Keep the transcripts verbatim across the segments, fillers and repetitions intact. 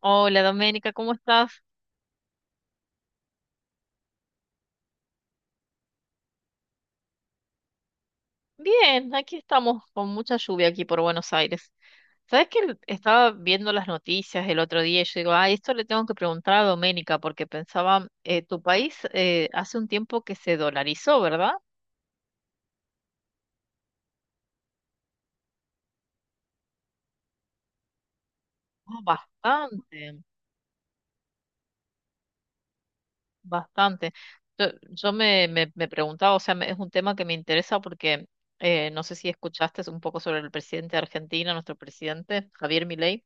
Hola Doménica, ¿cómo estás? Bien, aquí estamos con mucha lluvia aquí por Buenos Aires. ¿Sabes que estaba viendo las noticias el otro día y yo digo, ah, esto le tengo que preguntar a Doménica porque pensaba, eh, tu país eh, hace un tiempo que se dolarizó, ¿verdad? Ah, bastante, bastante. Yo, yo me, me, me preguntaba, o sea, me- es un tema que me interesa porque eh, no sé si escuchaste un poco sobre el presidente de Argentina, nuestro presidente, Javier Milei.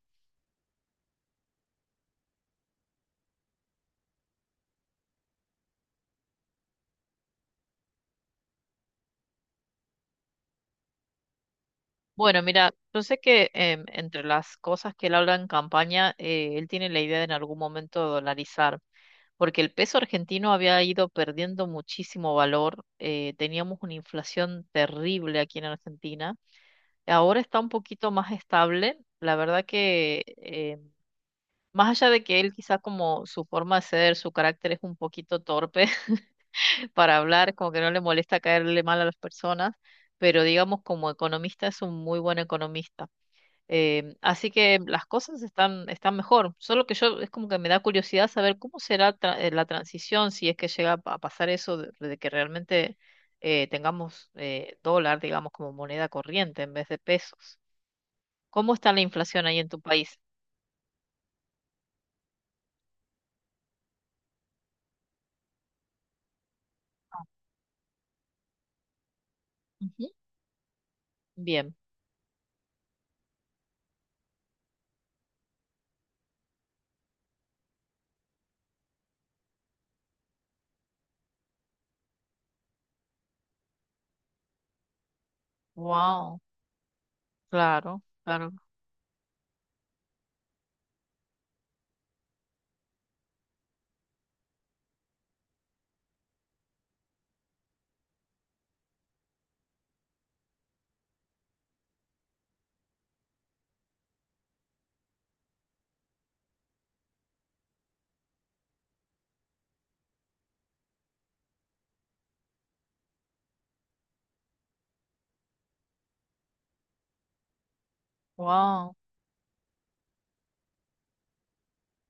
Bueno, mira, yo sé que em, entre las cosas que él habla en campaña, eh, él tiene la idea de en algún momento dolarizar, porque el peso argentino había ido perdiendo muchísimo valor, eh, teníamos una inflación terrible aquí en Argentina, ahora está un poquito más estable, la verdad que eh, más allá de que él quizás como su forma de ser, su carácter es un poquito torpe para hablar, como que no le molesta caerle mal a las personas, pero digamos como economista es un muy buen economista. Eh, así que las cosas están, están mejor. Solo que yo es como que me da curiosidad saber cómo será tra- eh, la transición si es que llega a pasar eso de, de que realmente eh, tengamos eh, dólar, digamos, como moneda corriente en vez de pesos. ¿Cómo está la inflación ahí en tu país? Ujú. Bien. Wow. Claro, claro. Wow.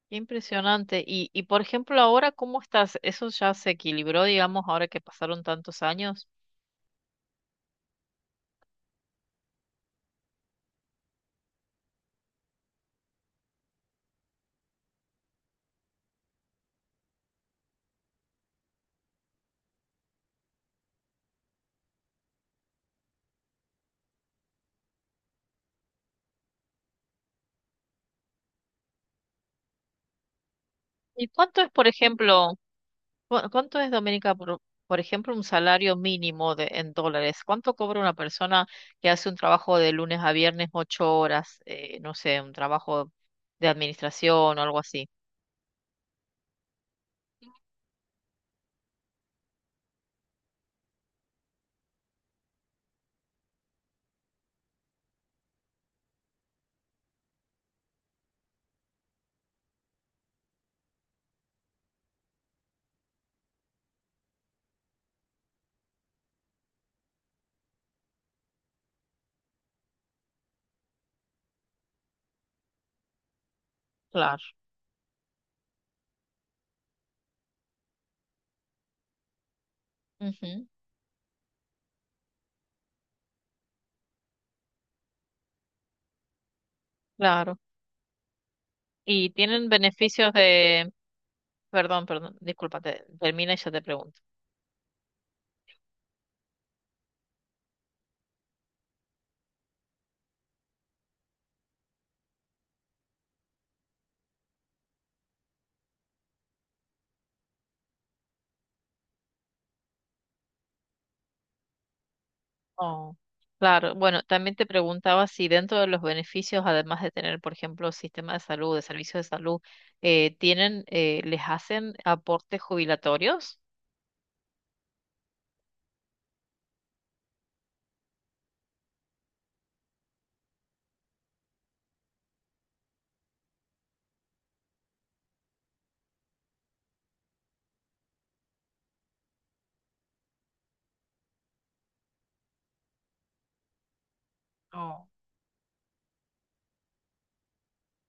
Qué impresionante. Y, y por ejemplo, ahora, ¿cómo estás? ¿Eso ya se equilibró, digamos, ahora que pasaron tantos años? ¿Y cuánto es, por ejemplo? ¿Cu- ¿Cuánto es, Doménica, por, por ejemplo, un salario mínimo de, en dólares? ¿Cuánto cobra una persona que hace un trabajo de lunes a viernes, ocho horas, eh, no sé, un trabajo de administración o algo así? Claro. Ujú, claro. ¿Y tienen beneficios de... Perdón, perdón, discúlpate, termina y yo te pregunto. Oh, claro. Bueno, también te preguntaba si dentro de los beneficios, además de tener, por ejemplo, sistema de salud, de servicios de salud, eh, tienen, eh, les hacen aportes jubilatorios. Oh,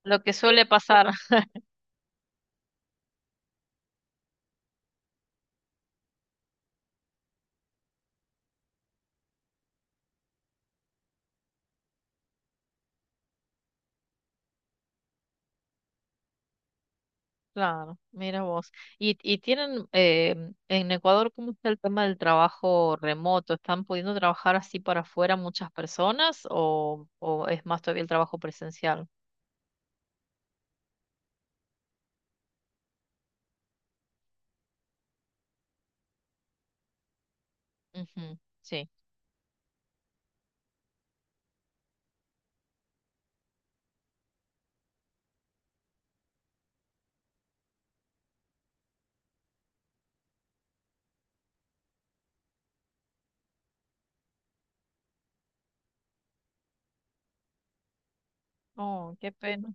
lo que suele pasar, claro, mira vos. ¿Y, y tienen eh, en Ecuador cómo está el tema del trabajo remoto? ¿Están pudiendo trabajar así para afuera muchas personas o, o es más todavía el trabajo presencial? Ujú, sí. Oh, qué pena.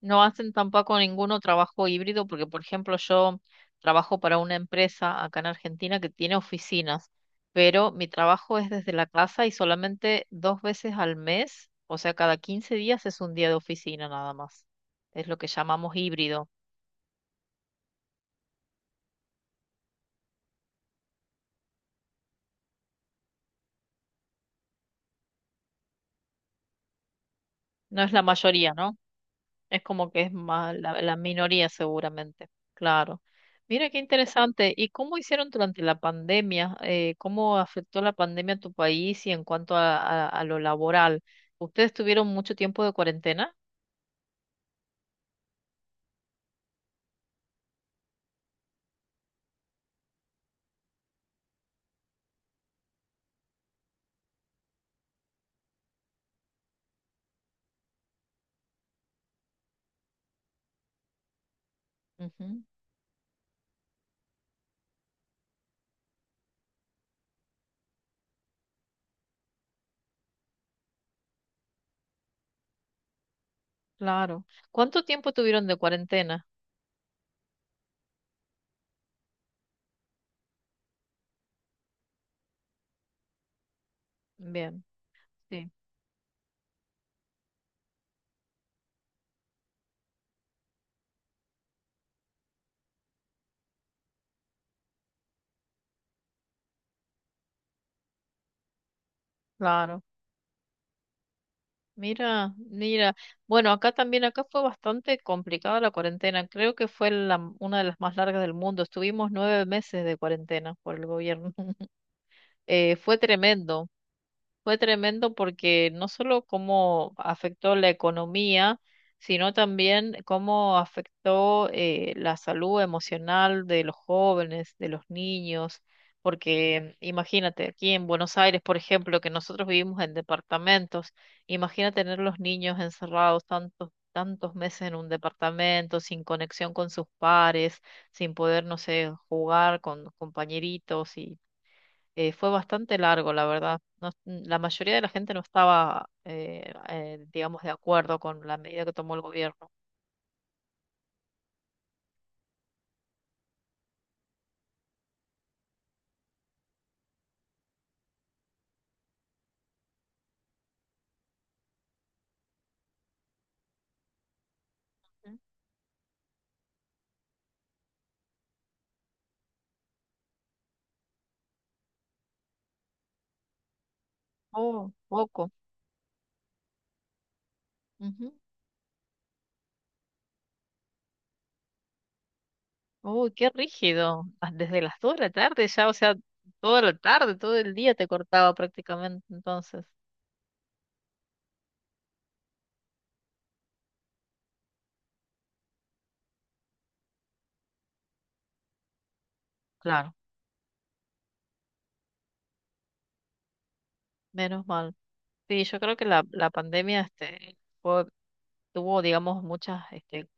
No hacen tampoco ninguno trabajo híbrido porque, por ejemplo, yo trabajo para una empresa acá en Argentina que tiene oficinas, pero mi trabajo es desde la casa y solamente dos veces al mes, o sea, cada quince días es un día de oficina nada más. Es lo que llamamos híbrido. No es la mayoría, ¿no? Es como que es más la, la minoría seguramente, claro. Mira qué interesante. ¿Y cómo hicieron durante la pandemia? Eh, ¿cómo afectó la pandemia a tu país y en cuanto a, a- a lo laboral? ¿Ustedes tuvieron mucho tiempo de cuarentena? Ujú, claro. ¿Cuánto tiempo tuvieron de cuarentena? Bien, sí, claro. Mira, mira. Bueno, acá también, acá fue bastante complicada la cuarentena. Creo que fue la- una de las más largas del mundo. Estuvimos nueve meses de cuarentena por el gobierno. eh, fue tremendo, fue tremendo porque no solo cómo afectó la economía, sino también cómo afectó eh, la salud emocional de los jóvenes, de los niños, porque imagínate, aquí en Buenos Aires, por ejemplo, que nosotros vivimos en departamentos, imagina tener los niños encerrados tantos, tantos meses en un departamento, sin conexión con sus pares, sin poder, no sé, jugar con compañeritos eh, fue bastante largo, la verdad. No- la mayoría de la gente no estaba, eh, eh, digamos, de acuerdo con la medida que tomó el gobierno. Mm. Oh, poco. Ujú. Uy, qué rígido. Ah, desde las dos de la tarde ya, o sea, toda la tarde, todo el día te cortaba prácticamente. Entonces, claro, menos mal. Sí, yo creo que la, la pandemia este, fue- tuvo, digamos, muchas este,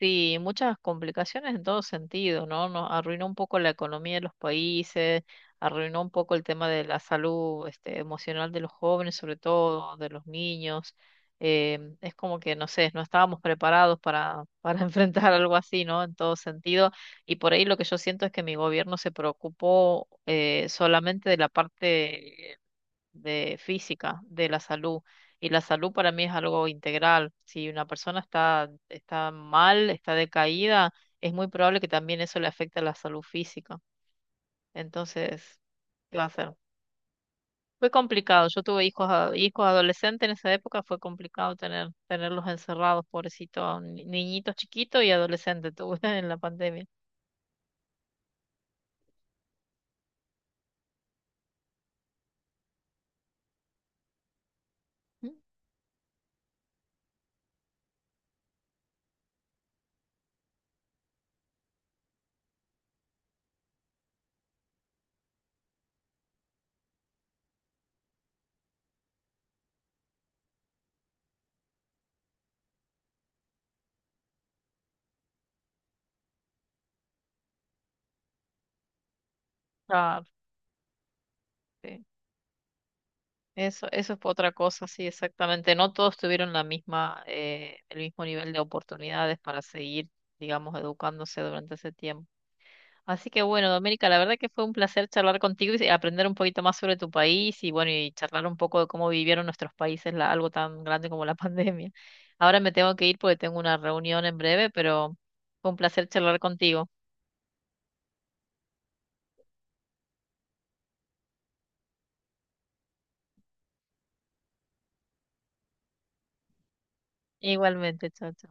sí, muchas complicaciones en todo sentido, ¿no? Nos arruinó un poco la economía de los países, arruinó un poco el tema de la salud, este, emocional de los jóvenes, sobre todo de los niños. Eh, es como que, no sé, no estábamos preparados para, para enfrentar algo así, ¿no? En todo sentido. Y por ahí lo que yo siento es que mi gobierno se preocupó eh, solamente de la parte de física de la salud. Y la salud para mí es algo integral. Si una persona está, está mal, está decaída, es muy probable que también eso le afecte a la salud física. Entonces, ¿qué va a hacer? Fue complicado. Yo tuve hijos, a- hijos adolescentes en esa época, fue complicado tener, tenerlos encerrados, pobrecitos, niñitos chiquitos y adolescentes tuve en la pandemia. Mm. Claro, sí. Eso, eso fue otra cosa, sí, exactamente. No todos tuvieron la misma, eh, el mismo nivel de oportunidades para seguir, digamos, educándose durante ese tiempo. Así que bueno, Doménica, la verdad que fue un placer charlar contigo y aprender un poquito más sobre tu país y bueno, y charlar un poco de cómo vivieron nuestros países la- algo tan grande como la pandemia. Ahora me tengo que ir porque tengo una reunión en breve, pero fue un placer charlar contigo. Igualmente, chao. Chao.